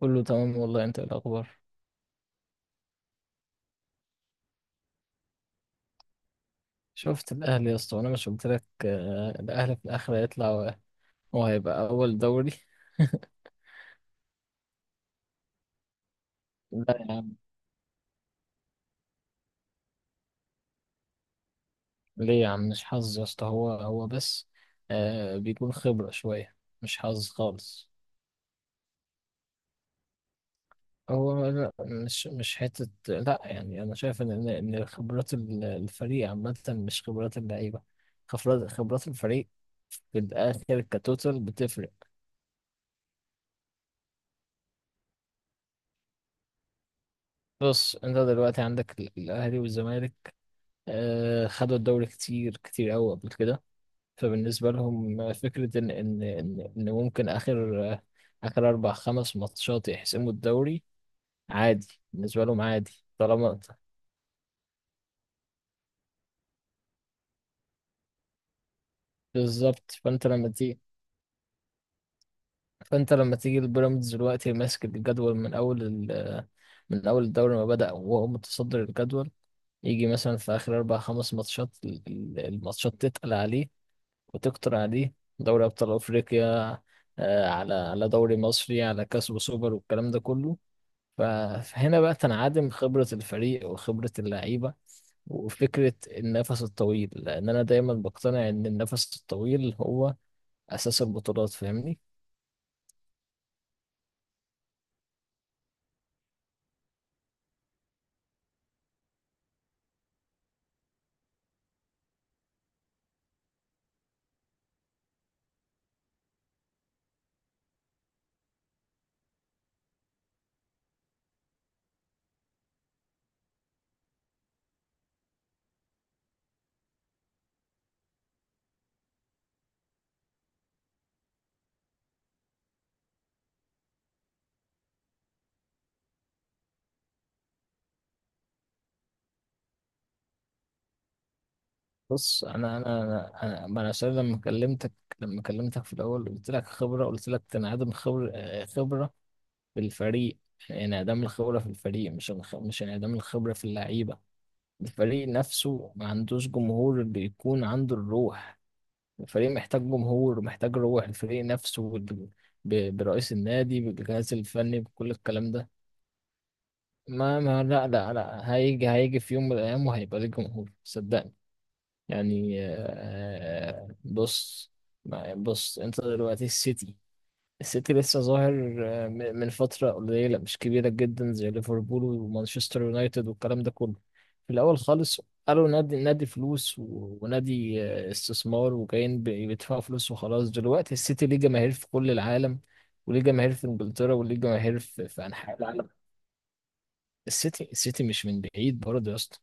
كله تمام والله، انت ايه الاخبار؟ شفت الاهلي يا اسطى، وانا مش قلت لك الاهلي في الاخر هيطلع هو هيبقى اول دوري. لا يا عم. ليه يا عم؟ مش حظ يا اسطى، هو بس بيكون خبرة شوية. مش حظ خالص. هو لا، مش حتة لا، يعني أنا شايف إن إن خبرات الفريق عامة، مش خبرات اللعيبة، خبرات الفريق. في الآخر كتوتال بتفرق. بص، أنت دلوقتي عندك الأهلي والزمالك، خدوا الدوري كتير كتير قوي قبل كده. فبالنسبة لهم فكرة إن ممكن آخر أربع خمس ماتشات يحسموا الدوري عادي. بالنسبة لهم عادي، طالما. بالظبط. فأنت لما تيجي البيراميدز دلوقتي ماسك الجدول من أول ال... آه، من أول الدوري ما بدأ وهو متصدر الجدول، يجي مثلا في آخر أربع خمس ماتشات، الماتشات تتقل عليه وتقطر عليه: دوري أبطال أفريقيا، على دوري مصري، على كاس وسوبر والكلام ده كله. ف- فهنا بقى تنعدم خبرة الفريق وخبرة اللعيبة وفكرة النفس الطويل، لأن أنا دايما بقتنع إن النفس الطويل هو أساس البطولات، فاهمني؟ بص، أنا أنا أنا أنا ما أنا عشان لما كلمتك، لما كلمتك في الأول قلت لك خبرة، قلت لك تنعدم خبرة بالفريق. انعدام الخبرة في الفريق، مش انعدام الخبرة في اللعيبة. الفريق نفسه ما عندوش جمهور، بيكون عنده الروح. الفريق محتاج جمهور، محتاج روح، الفريق نفسه برئيس النادي، بالجهاز الفني، بكل الكلام ده. ما ما لا، هيجي في يوم من الأيام وهيبقى ليه جمهور، صدقني. يعني بص. بص، انت دلوقتي السيتي، السيتي لسه ظاهر من فترة قليلة مش كبيرة جدا زي ليفربول ومانشستر يونايتد والكلام ده كله. في الأول خالص قالوا نادي فلوس، ونادي استثمار، وجايين بيدفعوا فلوس وخلاص. دلوقتي السيتي ليه جماهير في كل العالم، وليه جماهير في إنجلترا، وليه جماهير في أنحاء العالم. السيتي مش من بعيد برضه يا اسطى.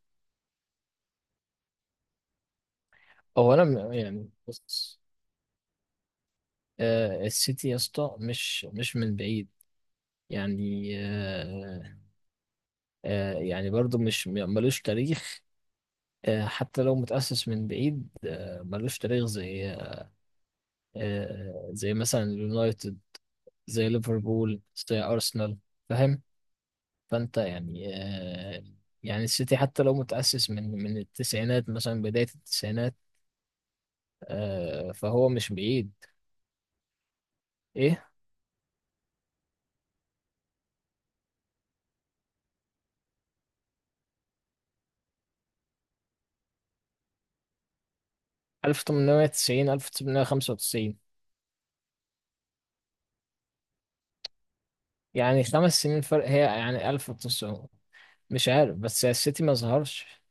هو أنا يعني بص، السيتي يا اسطى مش من بعيد. يعني يعني برضه مش ملوش تاريخ. حتى لو متأسس من بعيد ملوش تاريخ زي زي مثلا اليونايتد، زي ليفربول، زي أرسنال، فاهم؟ فأنت يعني يعني السيتي حتى لو متأسس من التسعينات، مثلا بداية التسعينات، فهو مش بعيد. إيه. 1890 1895 يعني خمس سنين فرق، هي يعني 1900 مش عارف، بس السيتي ما ظهرش.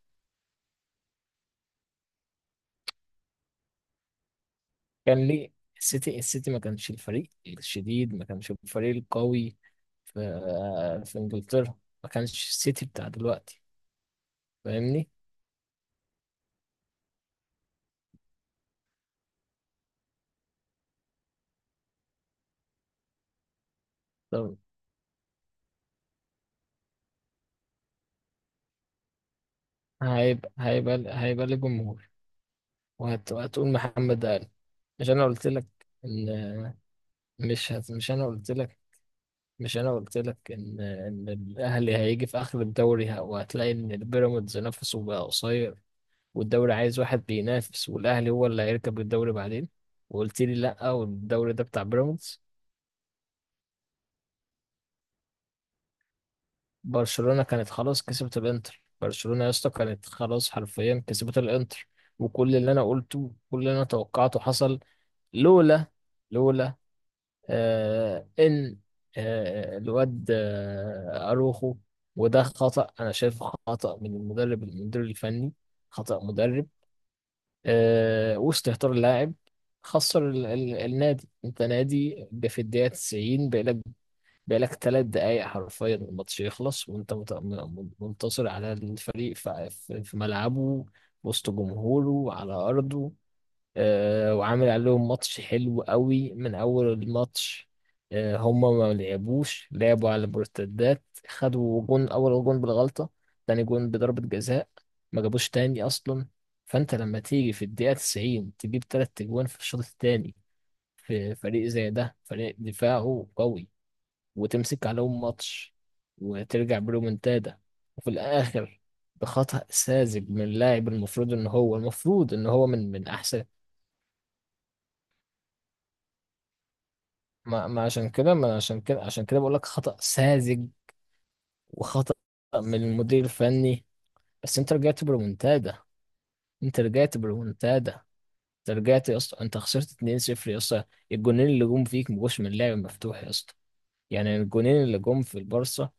كان ليه السيتي، ما كانش الفريق الشديد، ما كانش الفريق القوي في في انجلترا، ما كانش السيتي بتاع دلوقتي، فاهمني؟ طب، هيبقى ليه جمهور، وهتقول محمد قال. مش انا قلت لك ان مش انا قلت لك، مش انا قلت لك ان الاهلي هيجي في اخر الدوري وهتلاقي ان البيراميدز نفسه بقى قصير، والدوري عايز واحد بينافس، والاهلي هو اللي هيركب الدوري بعدين. وقلت لي لا، والدوري ده بتاع بيراميدز. برشلونة كانت خلاص كسبت الانتر، برشلونة يا اسطى كانت خلاص حرفيا كسبت الانتر، وكل اللي انا قلته، كل اللي انا توقعته حصل. لولا لولا آه ان آه الواد اروخو. وده خطأ، انا شايفه خطأ من المدرب المدير الفني، خطأ مدرب، وسط اهتار اللاعب. خسر ال ال النادي. انت نادي في الدقيقة 90 بقالك، ثلاث دقايق حرفيا الماتش يخلص، وانت منتصر على الفريق في ملعبه، وسط جمهوره، على أرضه. وعامل عليهم ماتش حلو قوي من اول الماتش. هما ما لعبوش، لعبوا على المرتدات. خدوا جون، اول جون بالغلطة، تاني جون بضربة جزاء، ما جابوش تاني اصلا. فانت لما تيجي في الدقيقة 90 تجيب تلات اجوان في الشوط التاني، في فريق زي ده فريق دفاعه قوي، وتمسك عليهم ماتش، وترجع برومنتادا، وفي الاخر بخطأ ساذج من لاعب، المفروض ان هو من احسن. ما, ما عشان كده، ما أنا عشان كده عشان كده بقول لك خطأ ساذج، وخطأ من المدير الفني. بس انت رجعت بريمونتادا، انت رجعت بريمونتادا انت رجعت يا اسطى، انت خسرت 2-0 يا اسطى. الجونين اللي جم فيك ما جوش من لعب مفتوح يا اسطى، يعني الجونين اللي جم في البارسا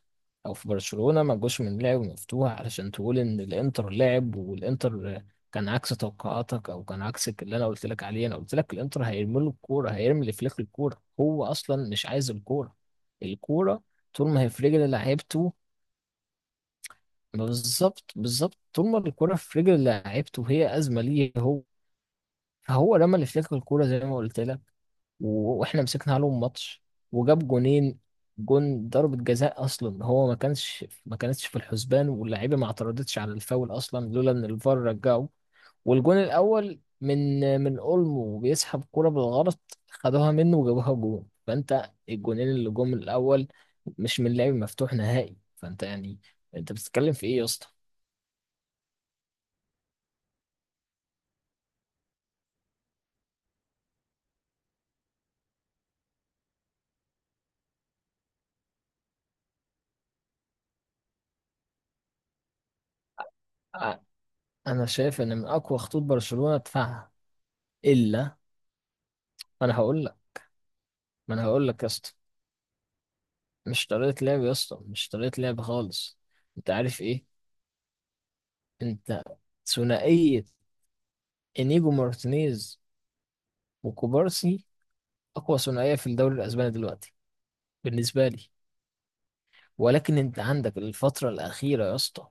او في برشلونة ما جوش من لعب مفتوح، علشان تقول ان الانتر لعب، والانتر كان عكس توقعاتك، او كان عكس اللي انا قلت لك عليه. انا قلت لك الانتر هيرمي له الكوره، هيرمي لفليك الكوره، هو اصلا مش عايز الكوره، الكوره، طول ما هي في رجل لعيبته. ما بالظبط، طول ما الكوره في رجل لعيبته هي ازمه ليه هو. فهو رمى لفليك الكوره زي ما قلت لك. واحنا مسكنا عليهم ماتش وجاب جونين. جون ضربة جزاء اصلا هو ما كانتش في الحسبان، واللعيبه ما اعترضتش على الفاول اصلا، لولا ان الفار رجعه. والجون الاول من اولمو، بيسحب كرة بالغلط، خدوها منه وجابوها جون. فانت الجونين اللي جم الاول مش من لعب مفتوح نهائي، فانت يعني انت بتتكلم في ايه يا اسطى؟ أ- انا شايف ان من اقوى خطوط برشلونة دفاعها. الا، انا هقول لك، ما انا هقول لك يا اسطى، مش طريقة لعب يا اسطى، مش طريقة لعب خالص. انت عارف ايه؟ انت. ثنائية انيجو مارتينيز وكوبارسي، اقوى ثنائية في الدوري الاسباني دلوقتي بالنسبة لي. ولكن انت عندك الفترة الاخيرة يا اسطى،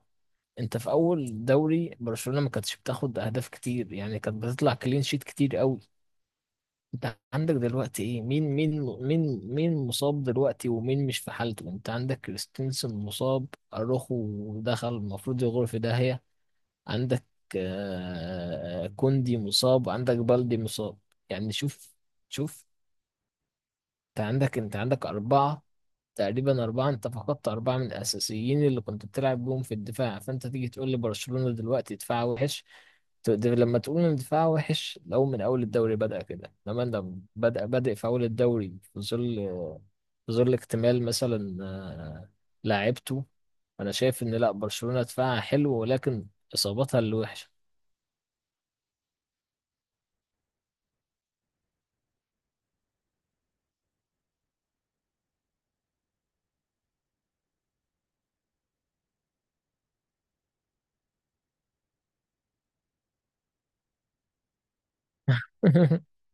انت في اول دوري برشلونة ما كانتش بتاخد اهداف كتير، يعني كانت بتطلع كلين شيت كتير قوي. انت عندك دلوقتي ايه؟ مين مصاب دلوقتي ومين مش في حالته؟ انت عندك كريستنسن مصاب، اروخو دخل المفروض يغرف ده هي. عندك كوندي مصاب، وعندك بالدي مصاب. يعني شوف، انت عندك أربعة، تقريبا أربعة، انت فقدت أربعة من الأساسيين اللي كنت بتلعب بيهم في الدفاع، فانت تيجي تقول لي برشلونة دلوقتي دفاع وحش؟ ده لما تقول ان دفاع وحش لو من أول الدوري بدأ كده، لما انت بادئ في أول الدوري، في ظل اكتمال مثلا لاعيبته. أنا شايف إن لأ، برشلونة دفاعها حلو، ولكن إصاباتها اللي وحشة.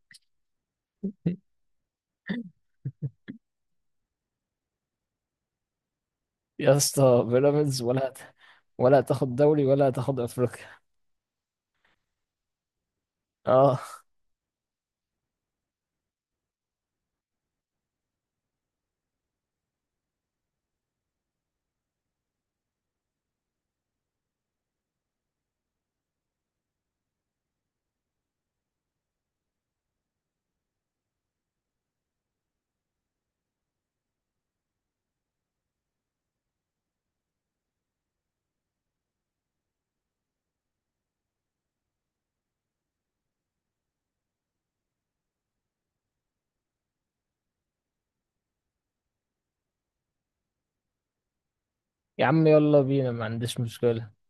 يا اسطى بيراميدز ولا هتاخد دوري ولا هتاخد افريقيا. اه، يا عم يلا بينا، ما عنديش مشكلة.